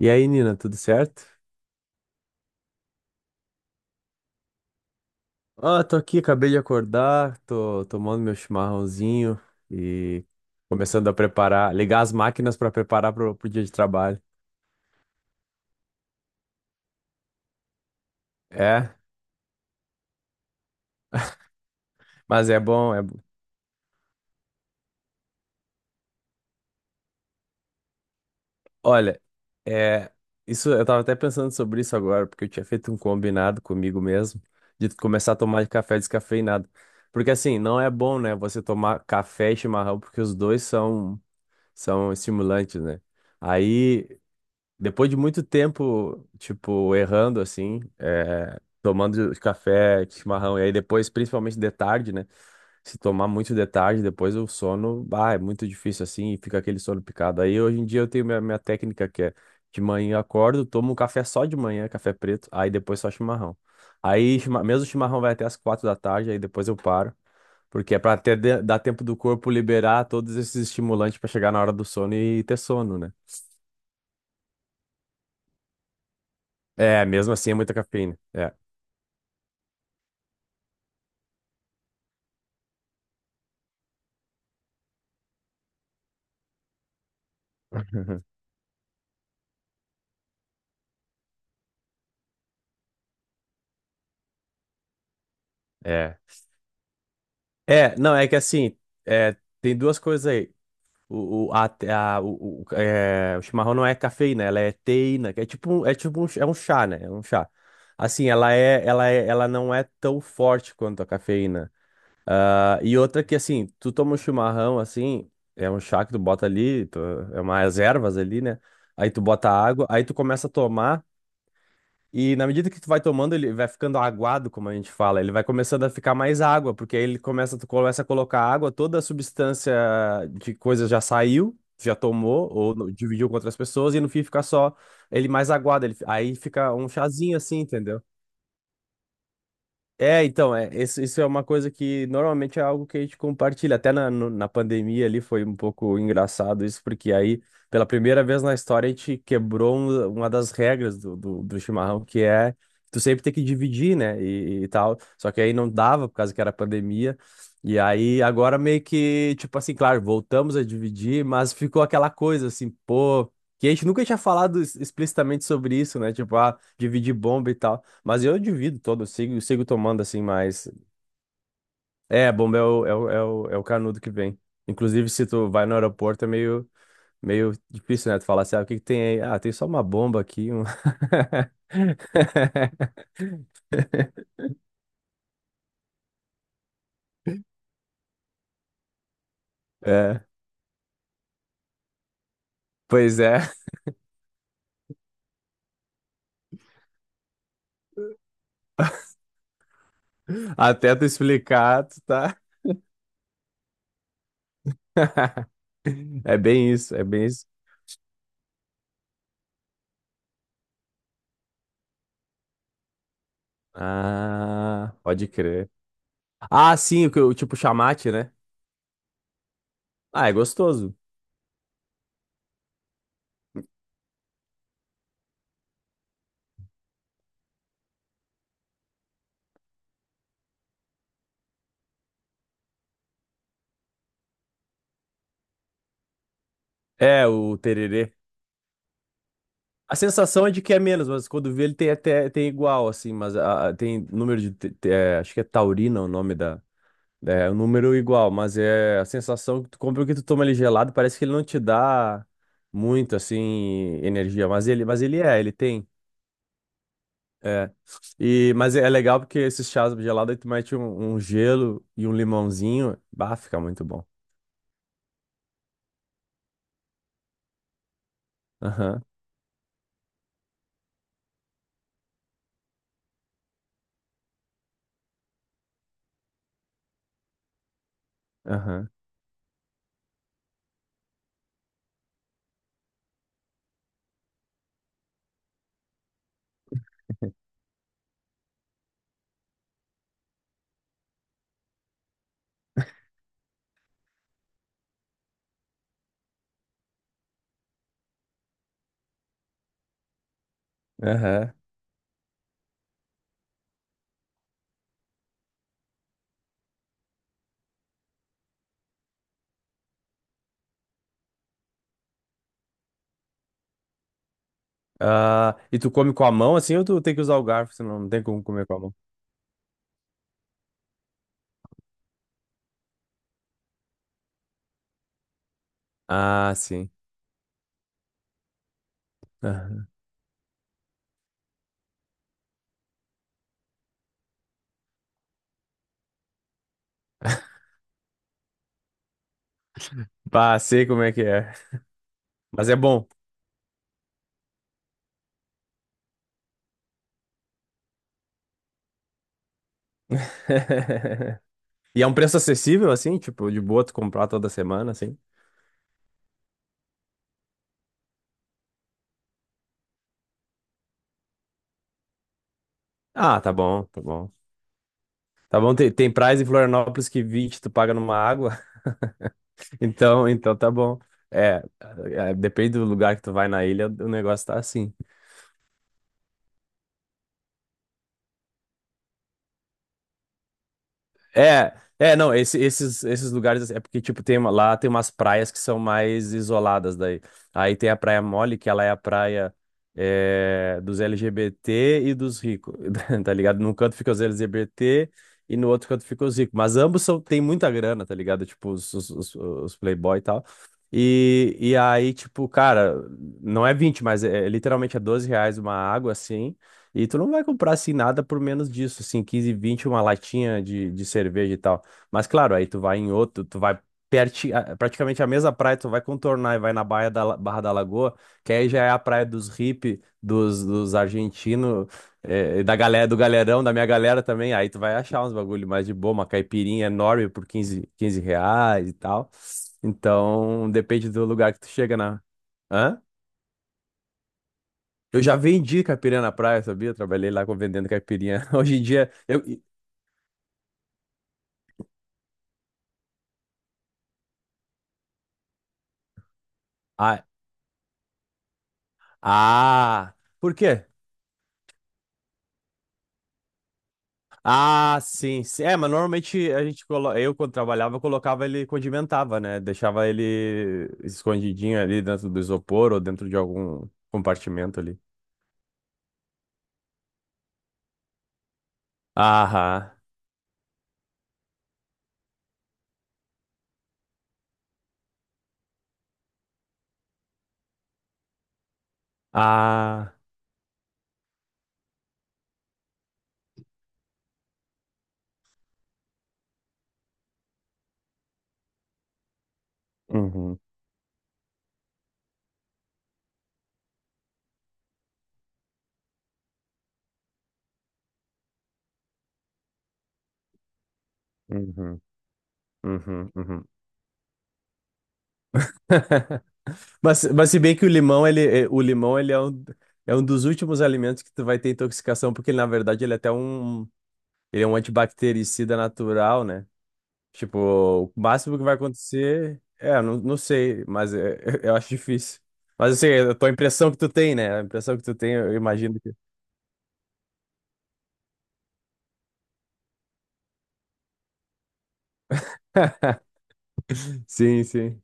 E aí, Nina, tudo certo? Ah, tô aqui, acabei de acordar, tô tomando meu chimarrãozinho e começando a preparar, ligar as máquinas para preparar pro dia de trabalho. É, mas é bom, é, bom. Olha, é, isso eu tava até pensando sobre isso agora, porque eu tinha feito um combinado comigo mesmo de começar a tomar café descafeinado. Porque assim, não é bom, né, você tomar café e chimarrão, porque os dois são estimulantes, né? Aí, depois de muito tempo, tipo, errando assim, tomando café, chimarrão, e aí depois, principalmente de tarde, né? Se tomar muito de tarde, depois o sono, bah, é muito difícil assim, e fica aquele sono picado. Aí hoje em dia eu tenho minha técnica que é de manhã eu acordo, tomo um café só de manhã, café preto, aí depois só chimarrão. Aí mesmo o chimarrão vai até as 4 da tarde, aí depois eu paro, porque é pra ter, dar tempo do corpo liberar todos esses estimulantes pra chegar na hora do sono e ter sono, né? É, mesmo assim é muita cafeína. É, é. É, não, é que assim, tem duas coisas aí. O, a- o, é, o chimarrão não é cafeína, ela é teína, que é tipo, é tipo um, é um chá, né? É um chá. Assim, ela não é tão forte quanto a cafeína. Ah, e outra que, assim, tu toma um chimarrão, assim, é um chá que tu bota ali, tu, é umas ervas ali, né? Aí tu bota água, aí tu começa a tomar. E na medida que tu vai tomando, ele vai ficando aguado, como a gente fala, ele vai começando a ficar mais água, porque aí ele começa, tu começa a colocar água, toda a substância de coisa já saiu, já tomou, ou dividiu com outras pessoas, e no fim fica só ele mais aguado, ele, aí fica um chazinho assim, entendeu? É, então, é, isso é uma coisa que normalmente é algo que a gente compartilha. Até na, na pandemia ali foi um pouco engraçado isso, porque aí, pela primeira vez na história, a gente quebrou uma das regras do chimarrão, que é tu sempre tem que dividir, né? E tal. Só que aí não dava, por causa que era pandemia. E aí, agora meio que, tipo assim, claro, voltamos a dividir, mas ficou aquela coisa assim, pô, que a gente nunca tinha falado explicitamente sobre isso, né? Tipo, ah, dividir bomba e tal. Mas eu divido todo, eu sigo tomando assim, mas. É, a bomba é o, canudo que vem. Inclusive, se tu vai no aeroporto, é meio difícil, né? Tu falar assim, ah, o que que tem aí? Ah, tem só uma bomba aqui. É, pois é. Até tu explicar, tu tá. É bem isso, é bem isso. Ah, pode crer. Ah, sim, tipo chamate, né? Ah, é gostoso. É, o tererê. A sensação é de que é menos, mas quando vê ele tem até tem igual, assim, mas tem número de. Acho que é taurina o nome da. É, o número igual, mas é a sensação que tu compra o que tu toma ele gelado, parece que ele não te dá muito, assim, energia. Mas ele é, ele tem. É. E, mas é legal porque esses chás gelados aí tu mete um gelo e um limãozinho. Bah, fica muito bom. Aham, aham, aham. Ah, e tu come com a mão assim ou tu tem que usar o garfo, senão não tem como comer com a mão? Ah, sim. Aham. Bah, sei como é que é. Mas é bom. E é um preço acessível, assim, tipo, de boa tu comprar toda semana, assim. Ah, tá bom, tá bom. Tá bom, tem praias em Florianópolis que 20 tu paga numa água, então tá bom. É, é, depende do lugar que tu vai na ilha, o negócio tá assim. É, é, não, esses lugares assim, é porque, tipo, tem, lá tem umas praias que são mais isoladas daí. Aí tem a Praia Mole, que ela é a praia dos LGBT e dos ricos, tá ligado? Num canto fica os LGBT e no outro canto fica os ricos. Mas ambos são, tem muita grana, tá ligado? Tipo, os playboy e tal. E aí, tipo, cara, não é 20 mas é literalmente é R$ 12 uma água, assim. E tu não vai comprar assim nada por menos disso, assim, 15, 20 uma latinha de cerveja e tal. Mas claro, aí tu vai em outro, tu vai praticamente a mesma praia, tu vai contornar e vai na Baía da, Barra da Lagoa, que aí já é a praia dos hippie, dos argentinos, da galera, do galerão, da minha galera também. Aí tu vai achar uns bagulho mais de boa, uma caipirinha enorme por quinze reais e tal. Então, depende do lugar que tu chega na. Hã? Eu já vendi caipirinha na praia, sabia? Trabalhei lá vendendo caipirinha. Hoje em dia, eu... Ah, ah, por quê? Ah, sim, sim. É, mas normalmente a gente colo... eu, quando trabalhava, eu colocava ele, condimentava, né? Deixava ele escondidinho ali dentro do isopor ou dentro de algum compartimento ali. Aham. Ah. Uhum, uhum, uhum, uhum. Mas se bem que o limão, ele, o limão, ele é um dos últimos alimentos que tu vai ter intoxicação, porque na verdade ele é até um, ele é um antibactericida natural, né? Tipo, o máximo que vai acontecer. É, eu não sei, mas eu acho difícil. Mas assim, a tua impressão que tu tem, né? A impressão que tu tem, eu imagino que. Sim, sim.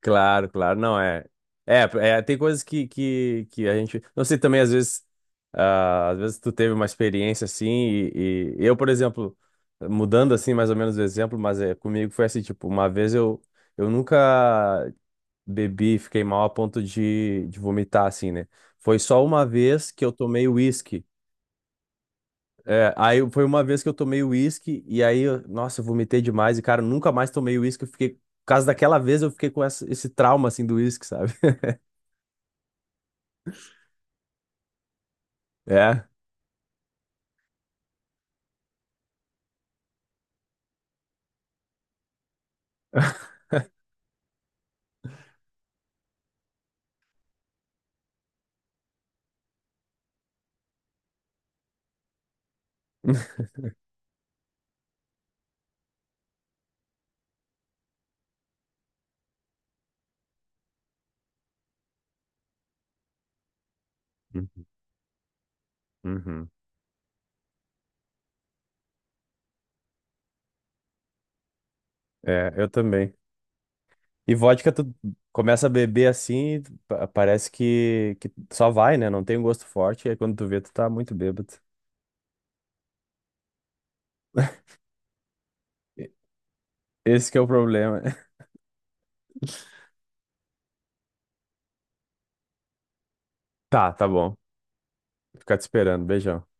Claro, claro. Não, é. É, é, tem coisas que, que a gente. Não sei também, às vezes. Ah, às vezes tu teve uma experiência assim, e eu, por exemplo, mudando assim mais ou menos o exemplo, mas é, comigo foi assim, tipo, uma vez eu, nunca bebi, fiquei mal a ponto de vomitar, assim, né? Foi só uma vez que eu tomei uísque. É, aí foi uma vez que eu tomei uísque e aí, nossa, eu vomitei demais e, cara, eu nunca mais tomei uísque. Eu fiquei, por causa daquela vez, eu fiquei com esse trauma, assim, do uísque, sabe? É. Uhum. Uhum. É, eu também. E vodka, tu começa a beber assim, parece que só vai, né? Não tem um gosto forte. E aí quando tu vê, tu tá muito bêbado. Esse que é o problema. Tá, tá bom. Ficar te esperando. Beijão.